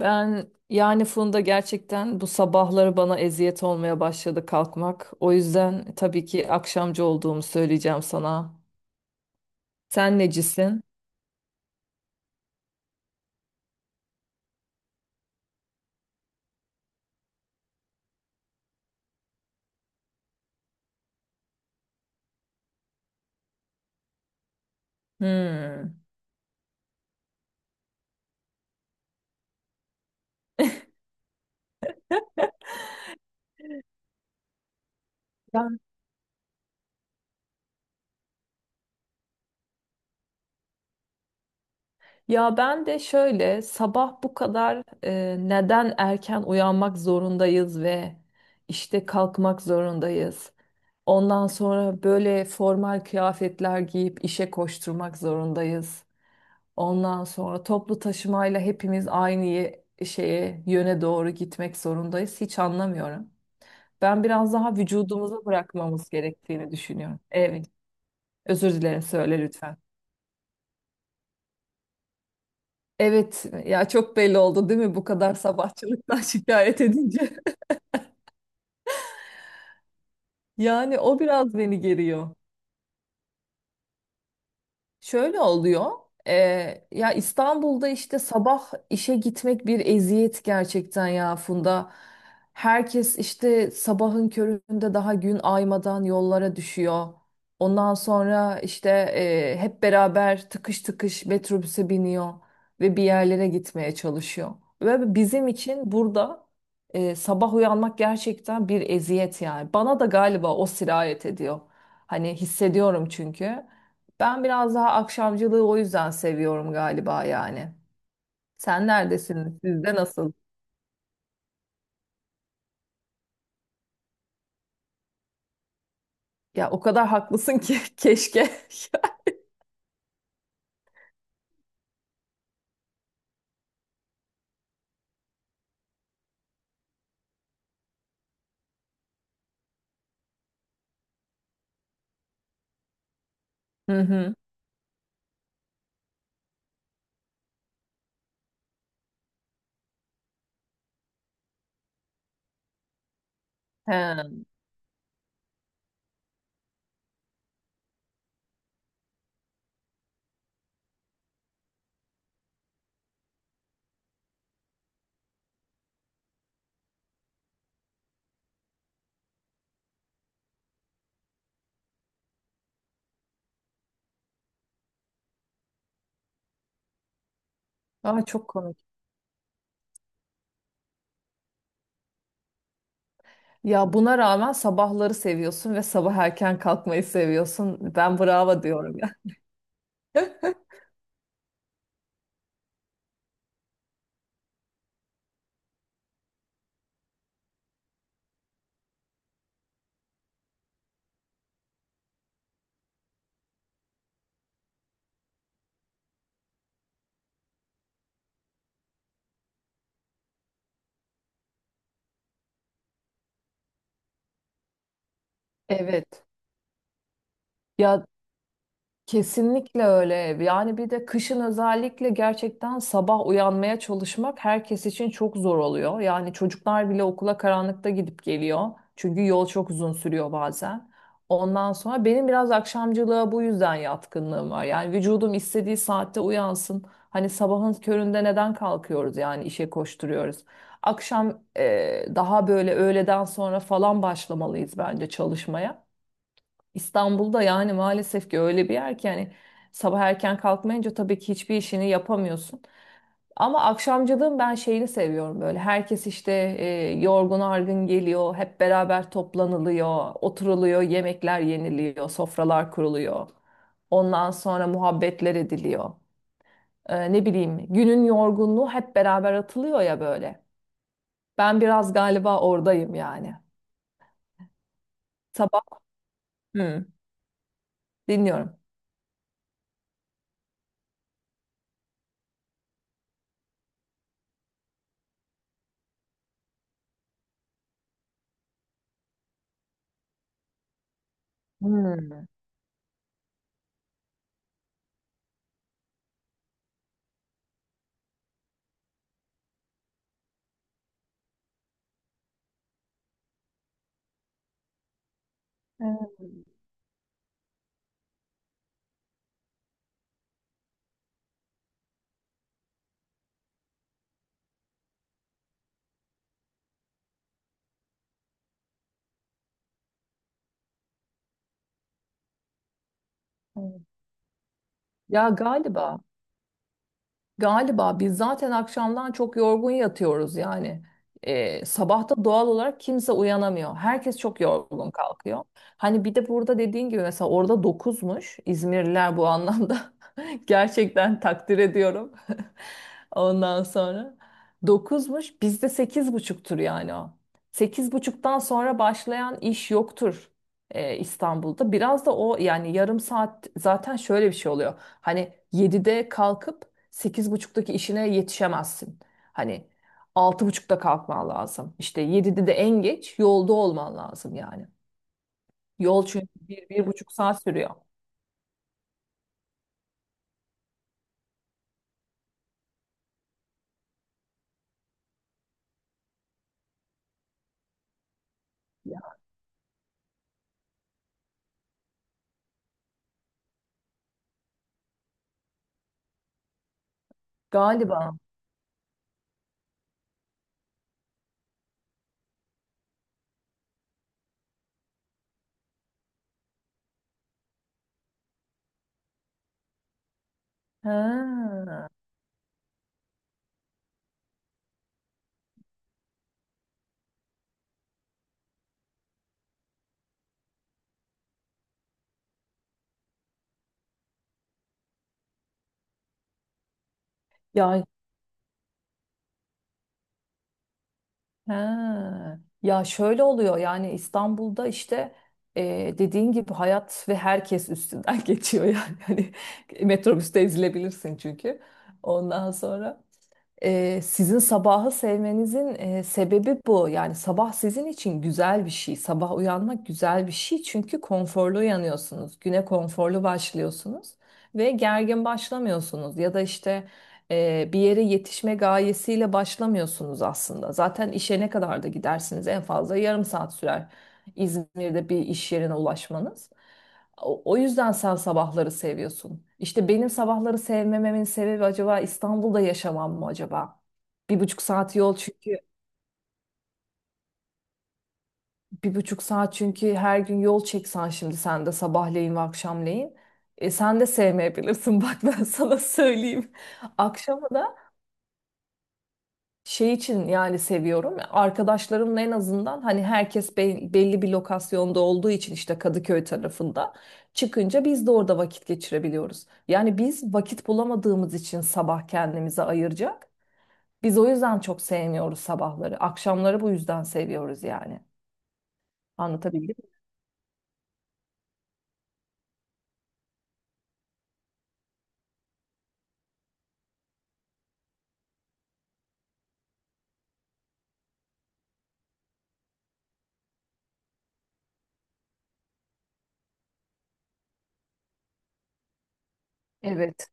Ben yani Funda gerçekten bu sabahları bana eziyet olmaya başladı kalkmak. O yüzden tabii ki akşamcı olduğumu söyleyeceğim sana. Sen necisin? Hmm. Ben- Ya ben de şöyle sabah bu kadar neden erken uyanmak zorundayız ve işte kalkmak zorundayız. Ondan sonra böyle formal kıyafetler giyip işe koşturmak zorundayız. Ondan sonra toplu taşımayla hepimiz şeye, yöne doğru gitmek zorundayız. Hiç anlamıyorum. Ben biraz daha vücudumuza bırakmamız gerektiğini düşünüyorum. Evet. Özür dilerim söyle lütfen. Evet ya, çok belli oldu değil mi bu kadar sabahçılıktan şikayet edince. Yani o biraz beni geriyor. Şöyle oluyor. Ya İstanbul'da işte sabah işe gitmek bir eziyet gerçekten ya Funda. Herkes işte sabahın köründe daha gün aymadan yollara düşüyor. Ondan sonra işte hep beraber tıkış tıkış metrobüse biniyor ve bir yerlere gitmeye çalışıyor. Ve bizim için burada sabah uyanmak gerçekten bir eziyet yani. Bana da galiba o sirayet ediyor. Hani hissediyorum çünkü. Ben biraz daha akşamcılığı o yüzden seviyorum galiba yani. Sen neredesin? Sizde nasıl? Ya o kadar haklısın ki keşke. Hı hı. He. Aa, çok komik. Ya buna rağmen sabahları seviyorsun ve sabah erken kalkmayı seviyorsun. Ben bravo diyorum ya. Evet. Ya kesinlikle öyle. Yani bir de kışın özellikle gerçekten sabah uyanmaya çalışmak herkes için çok zor oluyor. Yani çocuklar bile okula karanlıkta gidip geliyor. Çünkü yol çok uzun sürüyor bazen. Ondan sonra benim biraz akşamcılığa bu yüzden yatkınlığım var. Yani vücudum istediği saatte uyansın. Hani sabahın köründe neden kalkıyoruz yani işe koşturuyoruz. Akşam daha böyle öğleden sonra falan başlamalıyız bence çalışmaya. İstanbul'da yani maalesef ki öyle bir yer ki yani sabah erken kalkmayınca tabii ki hiçbir işini yapamıyorsun. Ama akşamcılığın ben şeyini seviyorum böyle. Herkes işte e, yorgun argın geliyor, hep beraber toplanılıyor, oturuluyor, yemekler yeniliyor, sofralar kuruluyor. Ondan sonra muhabbetler ediliyor. E, ne bileyim, günün yorgunluğu hep beraber atılıyor ya böyle. Ben biraz galiba oradayım yani. Sabah. Hı, dinliyorum. Hmm. Evet, evet. Ya galiba. Galiba biz zaten akşamdan çok yorgun yatıyoruz yani. Sabahta doğal olarak kimse uyanamıyor. Herkes çok yorgun kalkıyor. Hani bir de burada dediğin gibi mesela orada dokuzmuş, İzmirliler bu anlamda gerçekten takdir ediyorum. Ondan sonra dokuzmuş, bizde sekiz buçuktur yani o. Sekiz buçuktan sonra başlayan iş yoktur İstanbul'da. Biraz da o yani, yarım saat zaten şöyle bir şey oluyor. Hani 7'de kalkıp sekiz buçuktaki işine yetişemezsin. Hani 6:30'da kalkman lazım. İşte 7'de de en geç yolda olman lazım yani. Yol çünkü bir buçuk saat sürüyor. Ya, galiba. Ha. Ya ha. Ya şöyle oluyor yani İstanbul'da işte dediğin gibi hayat ve herkes üstünden geçiyor yani. Hani metrobüste ezilebilirsin çünkü. Ondan sonra ee, sizin sabahı sevmenizin sebebi bu. Yani sabah sizin için güzel bir şey. Sabah uyanmak güzel bir şey çünkü konforlu uyanıyorsunuz. Güne konforlu başlıyorsunuz ve gergin başlamıyorsunuz. Ya da işte bir yere yetişme gayesiyle başlamıyorsunuz aslında. Zaten işe ne kadar da gidersiniz, en fazla yarım saat sürer İzmir'de bir iş yerine ulaşmanız. O yüzden sen sabahları seviyorsun. İşte benim sabahları sevmememin sebebi acaba İstanbul'da yaşamam mı acaba? Bir buçuk saat yol çünkü, bir buçuk saat çünkü her gün yol çeksen şimdi sen de sabahleyin ve akşamleyin. E, sen de sevmeyebilirsin bak ben sana söyleyeyim. Akşama da. Şey için yani seviyorum. Arkadaşlarımla en azından hani belli bir lokasyonda olduğu için işte Kadıköy tarafında çıkınca biz de orada vakit geçirebiliyoruz. Yani biz vakit bulamadığımız için sabah kendimize ayıracak. Biz o yüzden çok sevmiyoruz sabahları. Akşamları bu yüzden seviyoruz yani. Anlatabildim mi? Evet.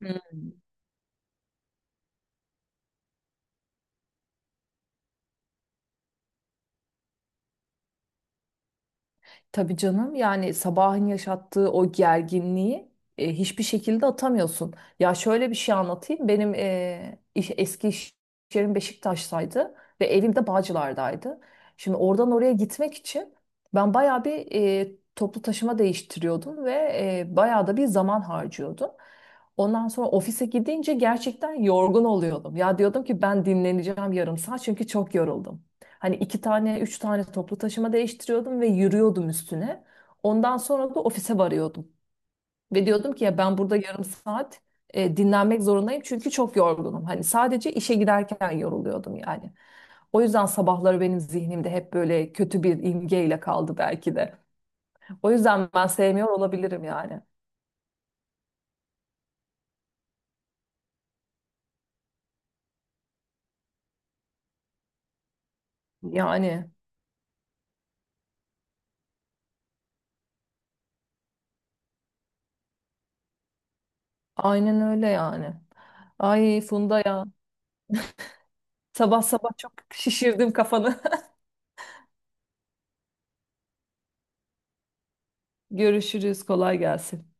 Hmm. Tabii canım, yani sabahın yaşattığı o gerginliği hiçbir şekilde atamıyorsun. Ya şöyle bir şey anlatayım. Benim eski iş yerim Beşiktaş'taydı ve evim de Bağcılar'daydı. Şimdi oradan oraya gitmek için ben bayağı bir toplu taşıma değiştiriyordum ve bayağı da bir zaman harcıyordum. Ondan sonra ofise gidince gerçekten yorgun oluyordum. Ya diyordum ki ben dinleneceğim yarım saat çünkü çok yoruldum. Hani iki tane, üç tane toplu taşıma değiştiriyordum ve yürüyordum üstüne. Ondan sonra da ofise varıyordum. Ve diyordum ki ya ben burada yarım saat dinlenmek zorundayım çünkü çok yorgunum. Hani sadece işe giderken yoruluyordum yani. O yüzden sabahları benim zihnimde hep böyle kötü bir imgeyle kaldı belki de. O yüzden ben sevmiyor olabilirim yani. Yani aynen öyle yani. Ay Funda ya. Sabah sabah çok şişirdim kafanı. Görüşürüz. Kolay gelsin.